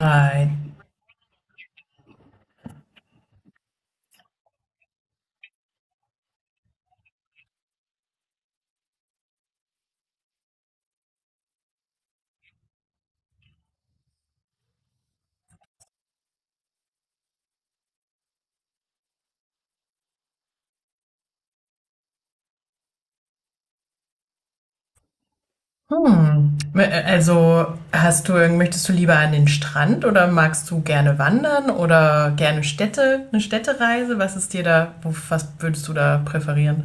Right. Hm. Also hast du, möchtest du lieber an den Strand oder magst du gerne wandern oder gerne Städte, eine Städtereise? Was ist dir da, was würdest du da präferieren?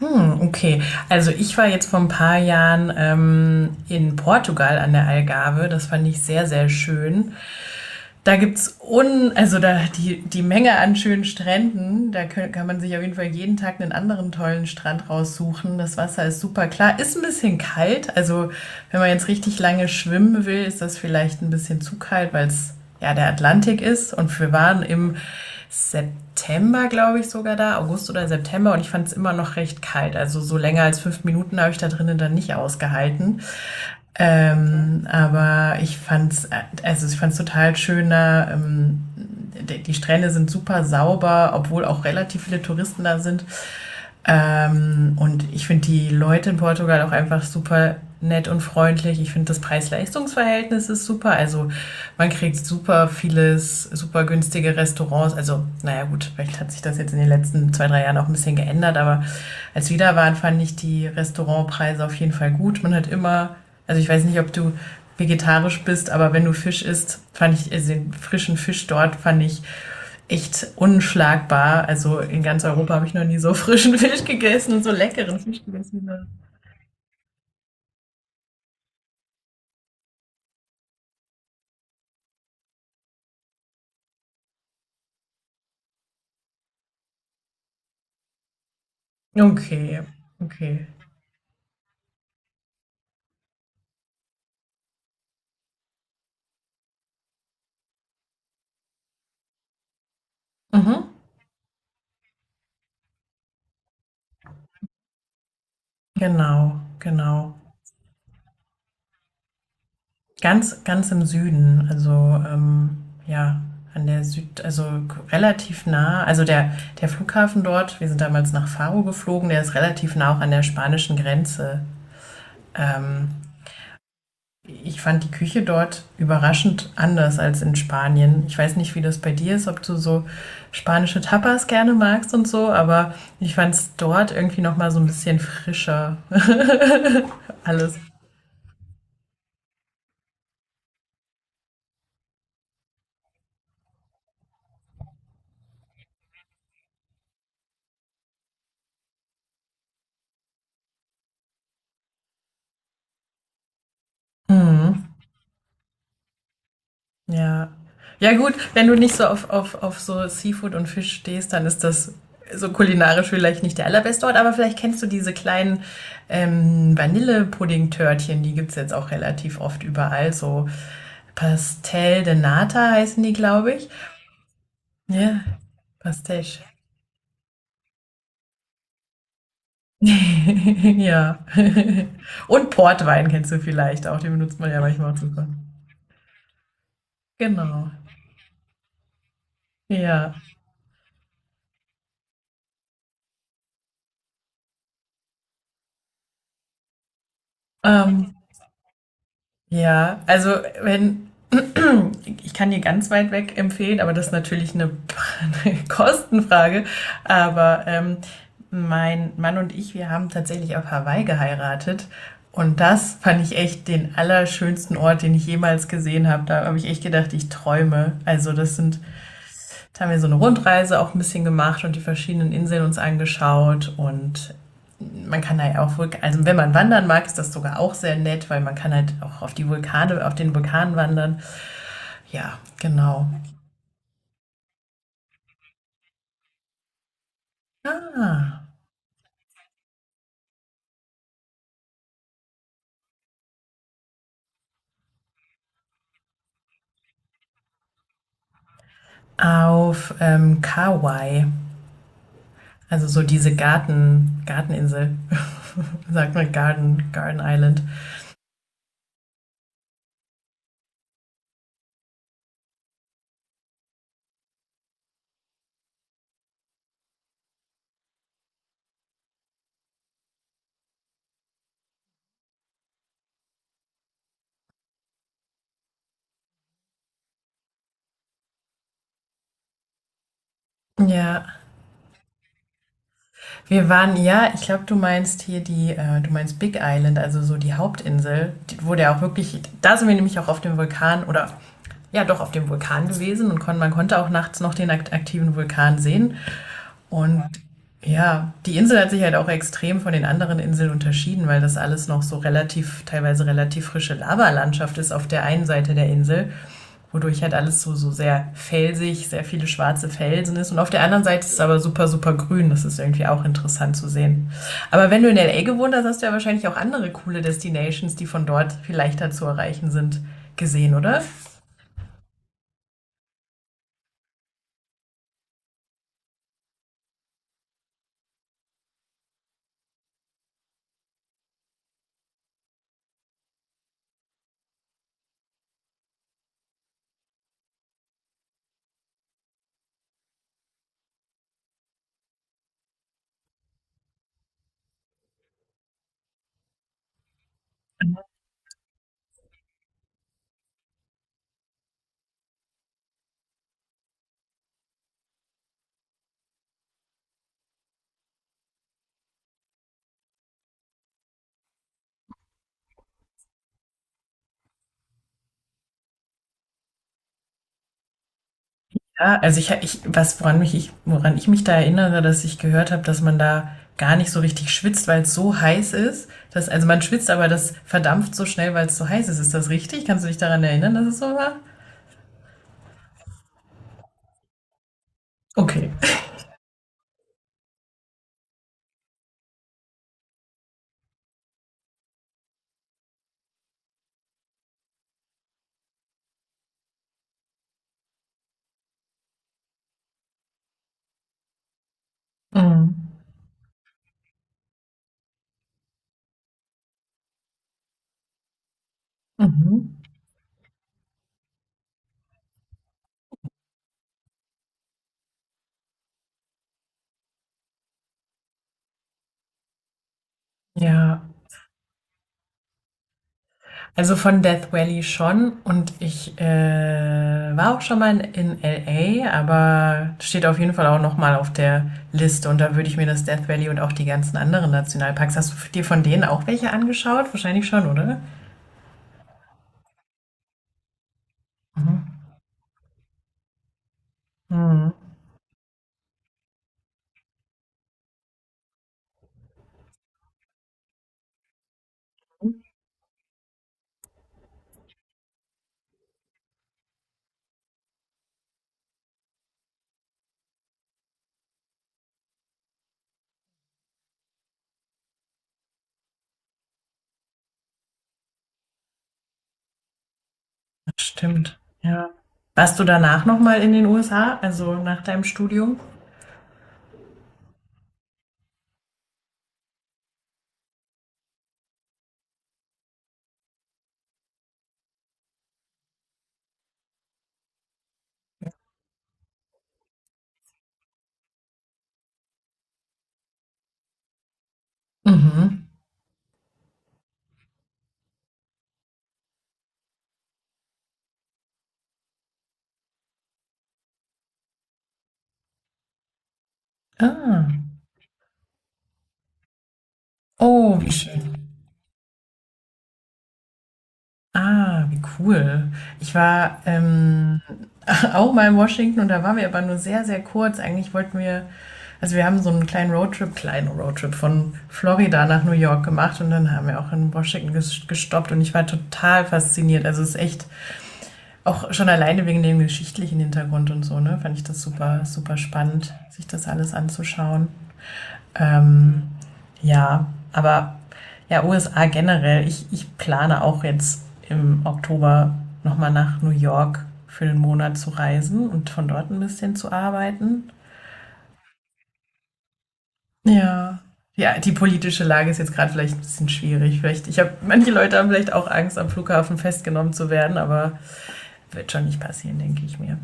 Hm, okay. Also ich war jetzt vor ein paar Jahren in Portugal an der Algarve. Das fand ich sehr, sehr schön. Da also da die Menge an schönen Stränden, da kann man sich auf jeden Fall jeden Tag einen anderen tollen Strand raussuchen. Das Wasser ist super klar, ist ein bisschen kalt. Also wenn man jetzt richtig lange schwimmen will, ist das vielleicht ein bisschen zu kalt, weil es ja der Atlantik ist. Und wir waren im September, glaube ich, sogar da, August oder September, und ich fand es immer noch recht kalt. Also so länger als fünf Minuten habe ich da drinnen dann nicht ausgehalten. Aber also ich fand's total schöner. Die Strände sind super sauber, obwohl auch relativ viele Touristen da sind. Und ich finde die Leute in Portugal auch einfach super nett und freundlich. Ich finde das Preis-Leistungs-Verhältnis ist super. Also man kriegt super vieles, super günstige Restaurants. Also naja gut, vielleicht hat sich das jetzt in den letzten zwei, drei Jahren auch ein bisschen geändert. Aber als wir da waren, fand ich die Restaurantpreise auf jeden Fall gut. Man hat immer, also ich weiß nicht, ob du vegetarisch bist, aber wenn du Fisch isst, fand ich also den frischen Fisch dort fand ich echt unschlagbar. Also in ganz Europa habe ich noch nie so frischen Fisch gegessen und so leckeren Fisch gegessen. Okay, okay. Mhm. Genau, genau. Ganz, ganz im Süden, also ja, an also relativ nah. Also der Flughafen dort, wir sind damals nach Faro geflogen, der ist relativ nah auch an der spanischen Grenze. Ähm, Ich fand die Küche dort überraschend anders als in Spanien. Ich weiß nicht, wie das bei dir ist, ob du so spanische Tapas gerne magst und so, aber ich fand es dort irgendwie noch mal so ein bisschen frischer. Alles. Ja. Ja gut, wenn du nicht so auf so Seafood und Fisch stehst, dann ist das so kulinarisch vielleicht nicht der allerbeste Ort, aber vielleicht kennst du diese kleinen Vanillepudding-Törtchen, die gibt's jetzt auch relativ oft überall, so Pastel de Nata heißen die, glaube ich. Ja, Pastiche. Ja. Und Portwein kennst du vielleicht auch, den benutzt man ja manchmal auch super. Genau. Ja. Ähm, ja, also wenn ich kann dir ganz weit weg empfehlen, aber das ist natürlich eine 'ne Kostenfrage, aber, mein Mann und ich, wir haben tatsächlich auf Hawaii geheiratet und das fand ich echt den allerschönsten Ort, den ich jemals gesehen habe. Da habe ich echt gedacht, ich träume. Also, das sind Jetzt haben wir so eine Rundreise auch ein bisschen gemacht und die verschiedenen Inseln uns angeschaut. Und man kann da ja auch, also wenn man wandern mag, ist das sogar auch sehr nett, weil man kann halt auch auf die Vulkane, auf den Vulkan wandern. Ja, genau. Ah, auf Kauai, also so diese Garteninsel, sagt man Garden Island. Ja, Wir waren, ja, ich glaube, du meinst hier du meinst Big Island, also so die Hauptinsel, die, wo der auch wirklich, da sind wir nämlich auch auf dem Vulkan oder ja doch auf dem Vulkan gewesen und man konnte auch nachts noch den aktiven Vulkan sehen. Und ja, die Insel hat sich halt auch extrem von den anderen Inseln unterschieden, weil das alles noch so relativ, teilweise relativ frische Lavalandschaft ist auf der einen Seite der Insel wodurch halt alles so, so sehr felsig, sehr viele schwarze Felsen ist. Und auf der anderen Seite ist es aber super, super grün. Das ist irgendwie auch interessant zu sehen. Aber wenn du in L.A. gewohnt hast, hast du ja wahrscheinlich auch andere coole Destinations, die von dort viel leichter zu erreichen sind, gesehen, oder? Ja, also ich was, woran mich ich, woran ich mich da erinnere, dass ich gehört habe, dass man da gar nicht so richtig schwitzt, weil es so heiß ist. Dass, also man schwitzt, aber das verdampft so schnell, weil es so heiß ist. Ist das richtig? Kannst du dich daran erinnern, dass es so war? Okay. Mhm. Mhm. Ja, also von Death Valley schon und ich war auch schon mal in L.A., aber steht auf jeden Fall auch noch mal auf der Liste und da würde ich mir das Death Valley und auch die ganzen anderen Nationalparks. Hast du dir von denen auch welche angeschaut? Wahrscheinlich schon, oder? Mhm. Mhm. Das Stimmt. Ja. Warst du danach noch mal in den USA, also nach deinem Studium? Mhm. Ah. Oh, wie schön. Ah, wie cool. Ich war auch mal in Washington und da waren wir aber nur sehr, sehr kurz. Eigentlich wollten wir, also wir haben so einen kleinen Roadtrip von Florida nach New York gemacht und dann haben wir auch in Washington gestoppt und ich war total fasziniert. Also es ist echt auch schon alleine wegen dem geschichtlichen Hintergrund und so, ne, fand ich das super, super spannend, sich das alles anzuschauen. Ähm, ja, aber ja, USA generell. Ich plane auch jetzt im Oktober nochmal nach New York für einen Monat zu reisen und von dort ein bisschen zu arbeiten. Ja. Ja, die politische Lage ist jetzt gerade vielleicht ein bisschen schwierig. Vielleicht, ich habe, manche Leute haben vielleicht auch Angst, am Flughafen festgenommen zu werden, aber wird schon nicht passieren, denke ich mir.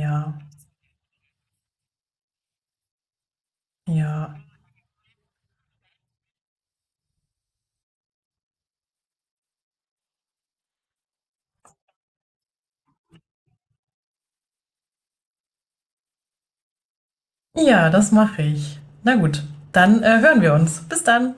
Ja, ja. Ja, das mache ich. Na gut, dann hören wir uns. Bis dann.